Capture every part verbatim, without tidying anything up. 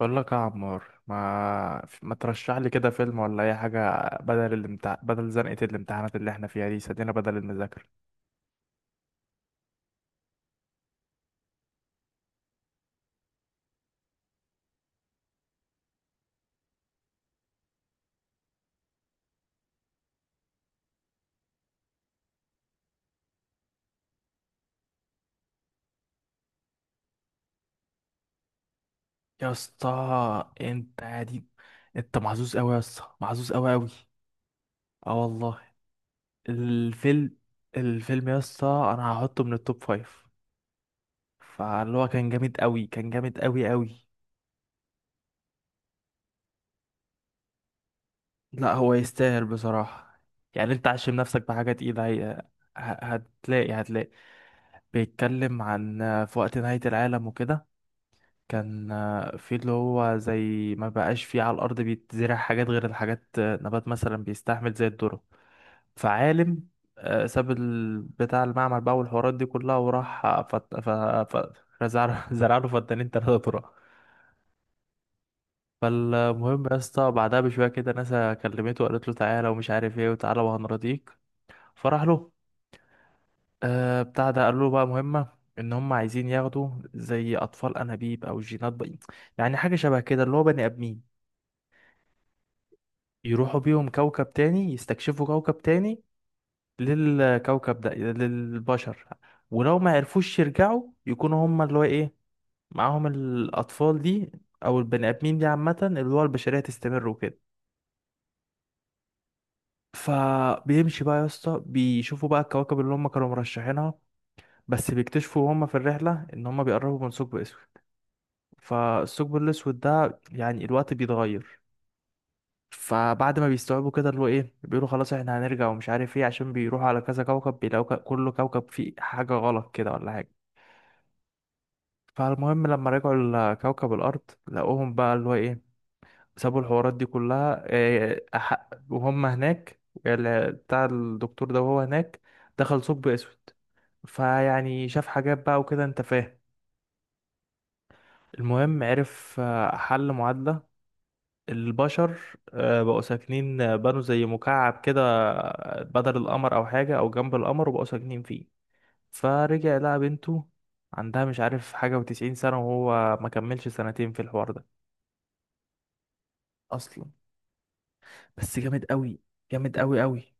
بقول لك يا عمار، ما ما ترشح لي كده فيلم ولا اي حاجه بدل الامتح... بدل زنقه الامتحانات اللي احنا فيها دي، سدينا بدل المذاكره. يا اسطى انت يا دي، انت محظوظ قوي يا اسطى، محظوظ قوي قوي. اه والله. الفيلم الفيلم يا اسطى انا هحطه من التوب فايف، فاللي هو كان جامد قوي، كان جامد قوي قوي. لا هو يستاهل بصراحه. يعني انت عشم نفسك بحاجه تقيله. هي... ه- هتلاقي، هتلاقي بيتكلم عن في وقت نهايه العالم وكده. كان آه، في اللي هو زي ما بقاش فيه على الأرض بيتزرع حاجات غير الحاجات، آه، نبات مثلا بيستحمل زي الذرة. فعالم، آه، ساب ال- بتاع المعمل بقى والحوارات دي كلها، وراح آه، فت... ف... ف... زرع زرع له فدانين تلاتة ذرة. فالمهم يا اسطى بعدها بشوية كده ناسا كلمته وقالت له تعالى ومش عارف ايه، وتعالى وهنرضيك. فراح له آه، بتاع ده، قال له بقى مهمة. ان هم عايزين ياخدوا زي اطفال انابيب او جينات بقى، يعني حاجة شبه كده، اللي هو بني ادمين، يروحوا بيهم كوكب تاني، يستكشفوا كوكب تاني للكوكب ده للبشر. ولو ما عرفوش يرجعوا يكونوا هما اللي هو ايه، معاهم الأطفال دي أو البني آدمين دي، عامة اللي هو البشرية تستمر وكده. فبيمشي بقى يا اسطى، بيشوفوا بقى الكواكب اللي هما كانوا مرشحينها، بس بيكتشفوا هما في الرحلة إن هما بيقربوا من ثقب أسود. فالثقب الأسود ده يعني الوقت بيتغير. فبعد ما بيستوعبوا كده اللي هو ايه، بيقولوا خلاص احنا هنرجع ومش عارف ايه، عشان بيروحوا على كذا كوكب بيلاقوا ك- كل كوكب فيه حاجة غلط كده ولا حاجة. فالمهم لما رجعوا لكوكب الأرض، لقوهم بقى اللي هو ايه، سابوا الحوارات دي كلها إيه أح- وهم هناك. ال- بتاع الدكتور ده وهو هناك دخل ثقب أسود، فيعني شاف حاجات بقى وكده انت فاهم. المهم عرف، آه، حل معادلة. البشر آه، بقوا ساكنين، آه، بنوا زي مكعب كده، آه، بدل القمر او حاجة او جنب القمر، وبقوا ساكنين فيه. فرجع لقى بنته عندها مش عارف حاجة وتسعين سنة، وهو ما كملش سنتين في الحوار ده. اصلا. بس جامد قوي، جامد قوي قوي.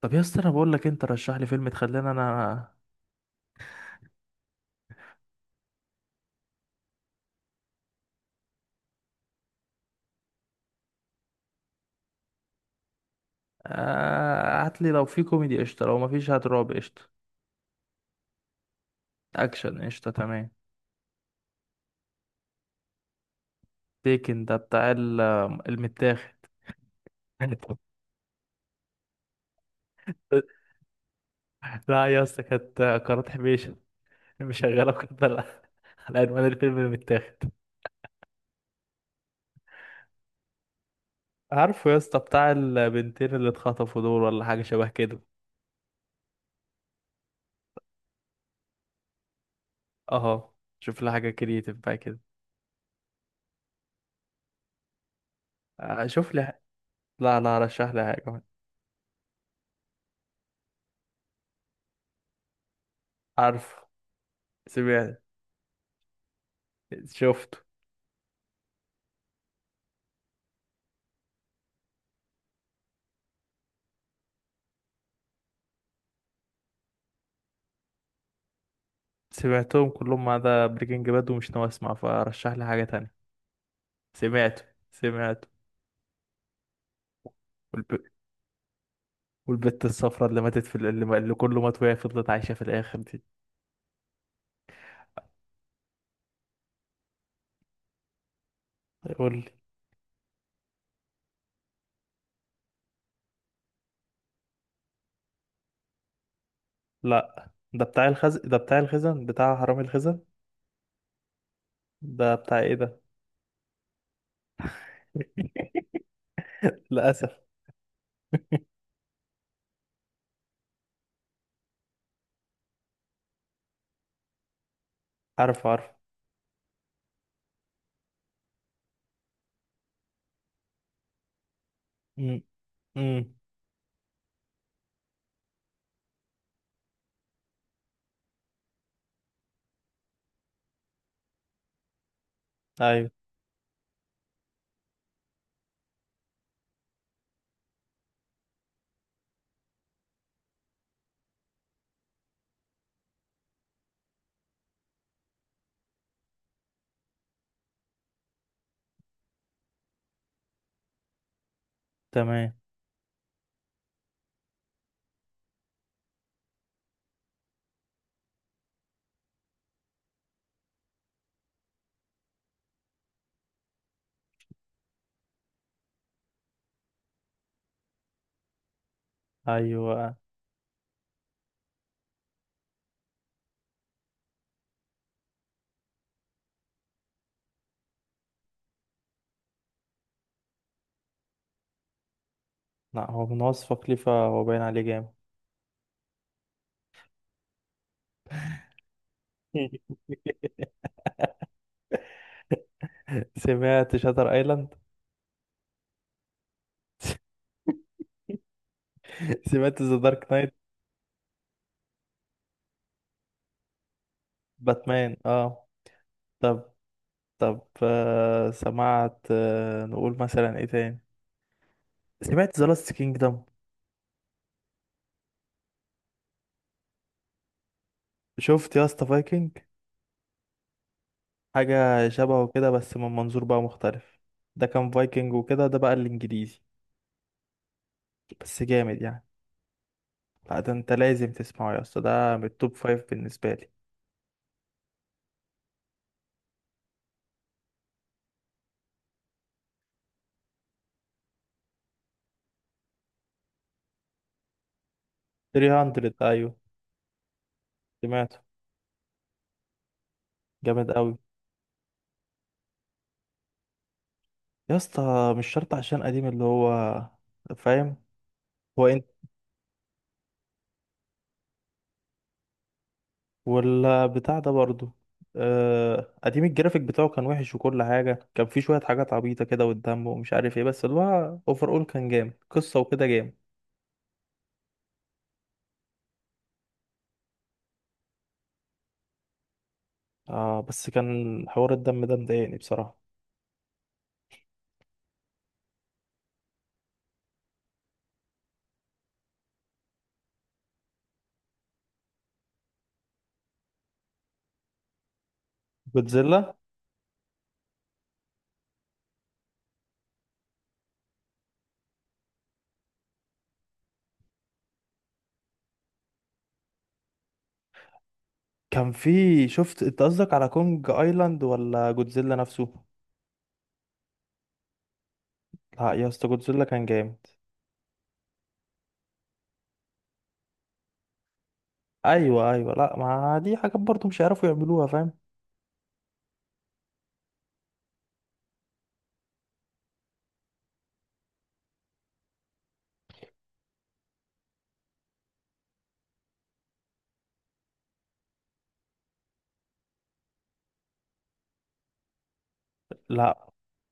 طب يا اسطى، انا بقول لك انت رشح لي فيلم تخلينا انا آه، هات لي، لو في كوميدي قشطة، لو ما فيش هات رعب قشطة. اكشن قشطة تمام. تيكن ده بتاع ال- المتاخد. لا يا اسطى كانت قناة حبيشة مشغله كده على، على عنوان الفيلم اللي متاخد. عارفه يا اسطى بتاع البنتين اللي اتخطفوا دول ولا حاجة شبه كده. اه شوف لي حاجة كرييتيف بقى كده. آه، شوف لي، لا لا رشح لي حاجة. عارفه. سمعت. شفته. سمعتهم كلهم ما عدا بريكنج باد ومش ناوي اسمع، فرشح لي حاجة تانية. سمعته. سمعته. والب... والبت الصفراء اللي ماتت في ال- اللي, اللي كله مات وهي فضلت عايشة في الآخر دي. يقول لي. لا ده بتاع الخزن، ده بتاع الخزن بتاع حرامي الخزن. ده بتاع ايه ده؟ للأسف. عارف عارف. امم امم أيوه تمام. أيوه. لا هو من وصفك خليفة، هو باين عليه جامد. سمعت شاتر ايلاند. سمعت ذا دارك نايت. باتمان اه. طب طب آه سمعت، آه نقول مثلا ايه تاني. سمعت ذا لاست كينجدم. شفت يا اسطى فايكنج؟ حاجة شبهه كده بس من منظور بقى مختلف. ده كان فايكنج وكده، ده بقى الانجليزي. بس جامد يعني. لا ده انت لازم تسمعه يا اسطى، ده من التوب فايف بالنسبة لي. تلت مية ايوه سمعته، جامد قوي. يا اسطى مش شرط عشان قديم اللي هو فاهم. هو انت ولا بتاع ده برضو؟ آه... قديم الجرافيك بتاعه كان وحش، وكل حاجة كان فيه شوية حاجات عبيطة كده والدم ومش عارف ايه، بس اللي هو اوفر اول كان جامد قصة وكده، جامد. اه بس كان حوار الدم ده مضايقني بصراحة. جودزيلا. كان فيه شفت انت قصدك على كونج ايلاند ولا جودزيلا نفسه؟ لا يا اسطى جودزيلا كان جامد. ايوه ايوه، لا ما دي حاجات برضه مش هيعرفوا يعملوها فاهم. لا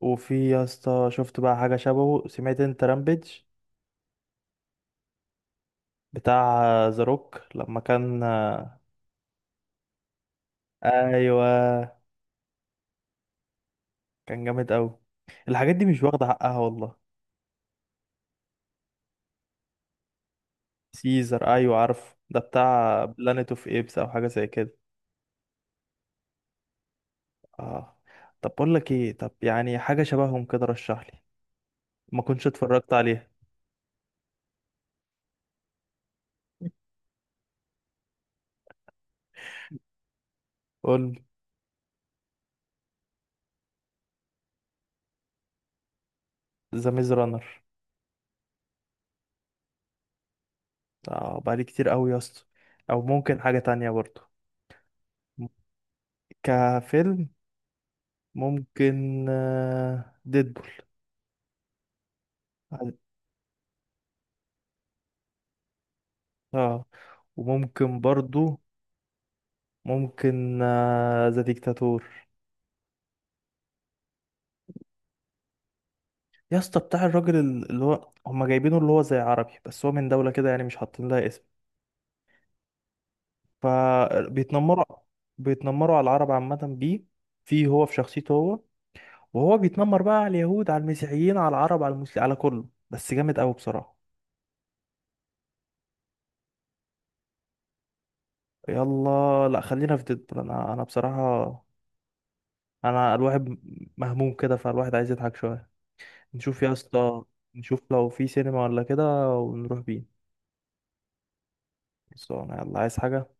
وفي يا اسطى شفت بقى حاجه شبهه، سمعت انت رامبيج؟ بتاع ذا روك لما كان. ايوه. كان جامد قوي. الحاجات دي مش واخده حقها والله. سيزر، ايوه عارف ده بتاع بلانيت اوف ايبس او حاجه زي كده. اه. طب بقول لك ايه، طب يعني حاجه شبههم كده رشح لي، ما كنتش اتفرجت عليها. قول. ذا ميز رانر، آه بقالي كتير قوي يا اسطى. او ممكن حاجة تانية برضه، م- كفيلم، ممكن آه، ديدبول. اه. وممكن برضه، ممكن آه، ذا ديكتاتور. يا اسطى بتاع الراجل ال- اللي هو هما جايبينه اللي هو زي عربي، بس هو من دولة كده يعني مش حاطين لها اسم. فبيتنمروا، بيتنمروا على العرب عامة بيه، فيه هو في شخصيته هو. وهو بيتنمر بقى على اليهود، على المسيحيين، على العرب، على المسلمين، على كله، بس جامد قوي بصراحة. يلا، لا خلينا في ديدبول، انا انا بصراحة انا الواحد مهموم كده، فالواحد عايز يضحك شوية. نشوف يا اسطى نشوف لو في سينما ولا كده ونروح بيه. بس انا يلا عايز حاجة.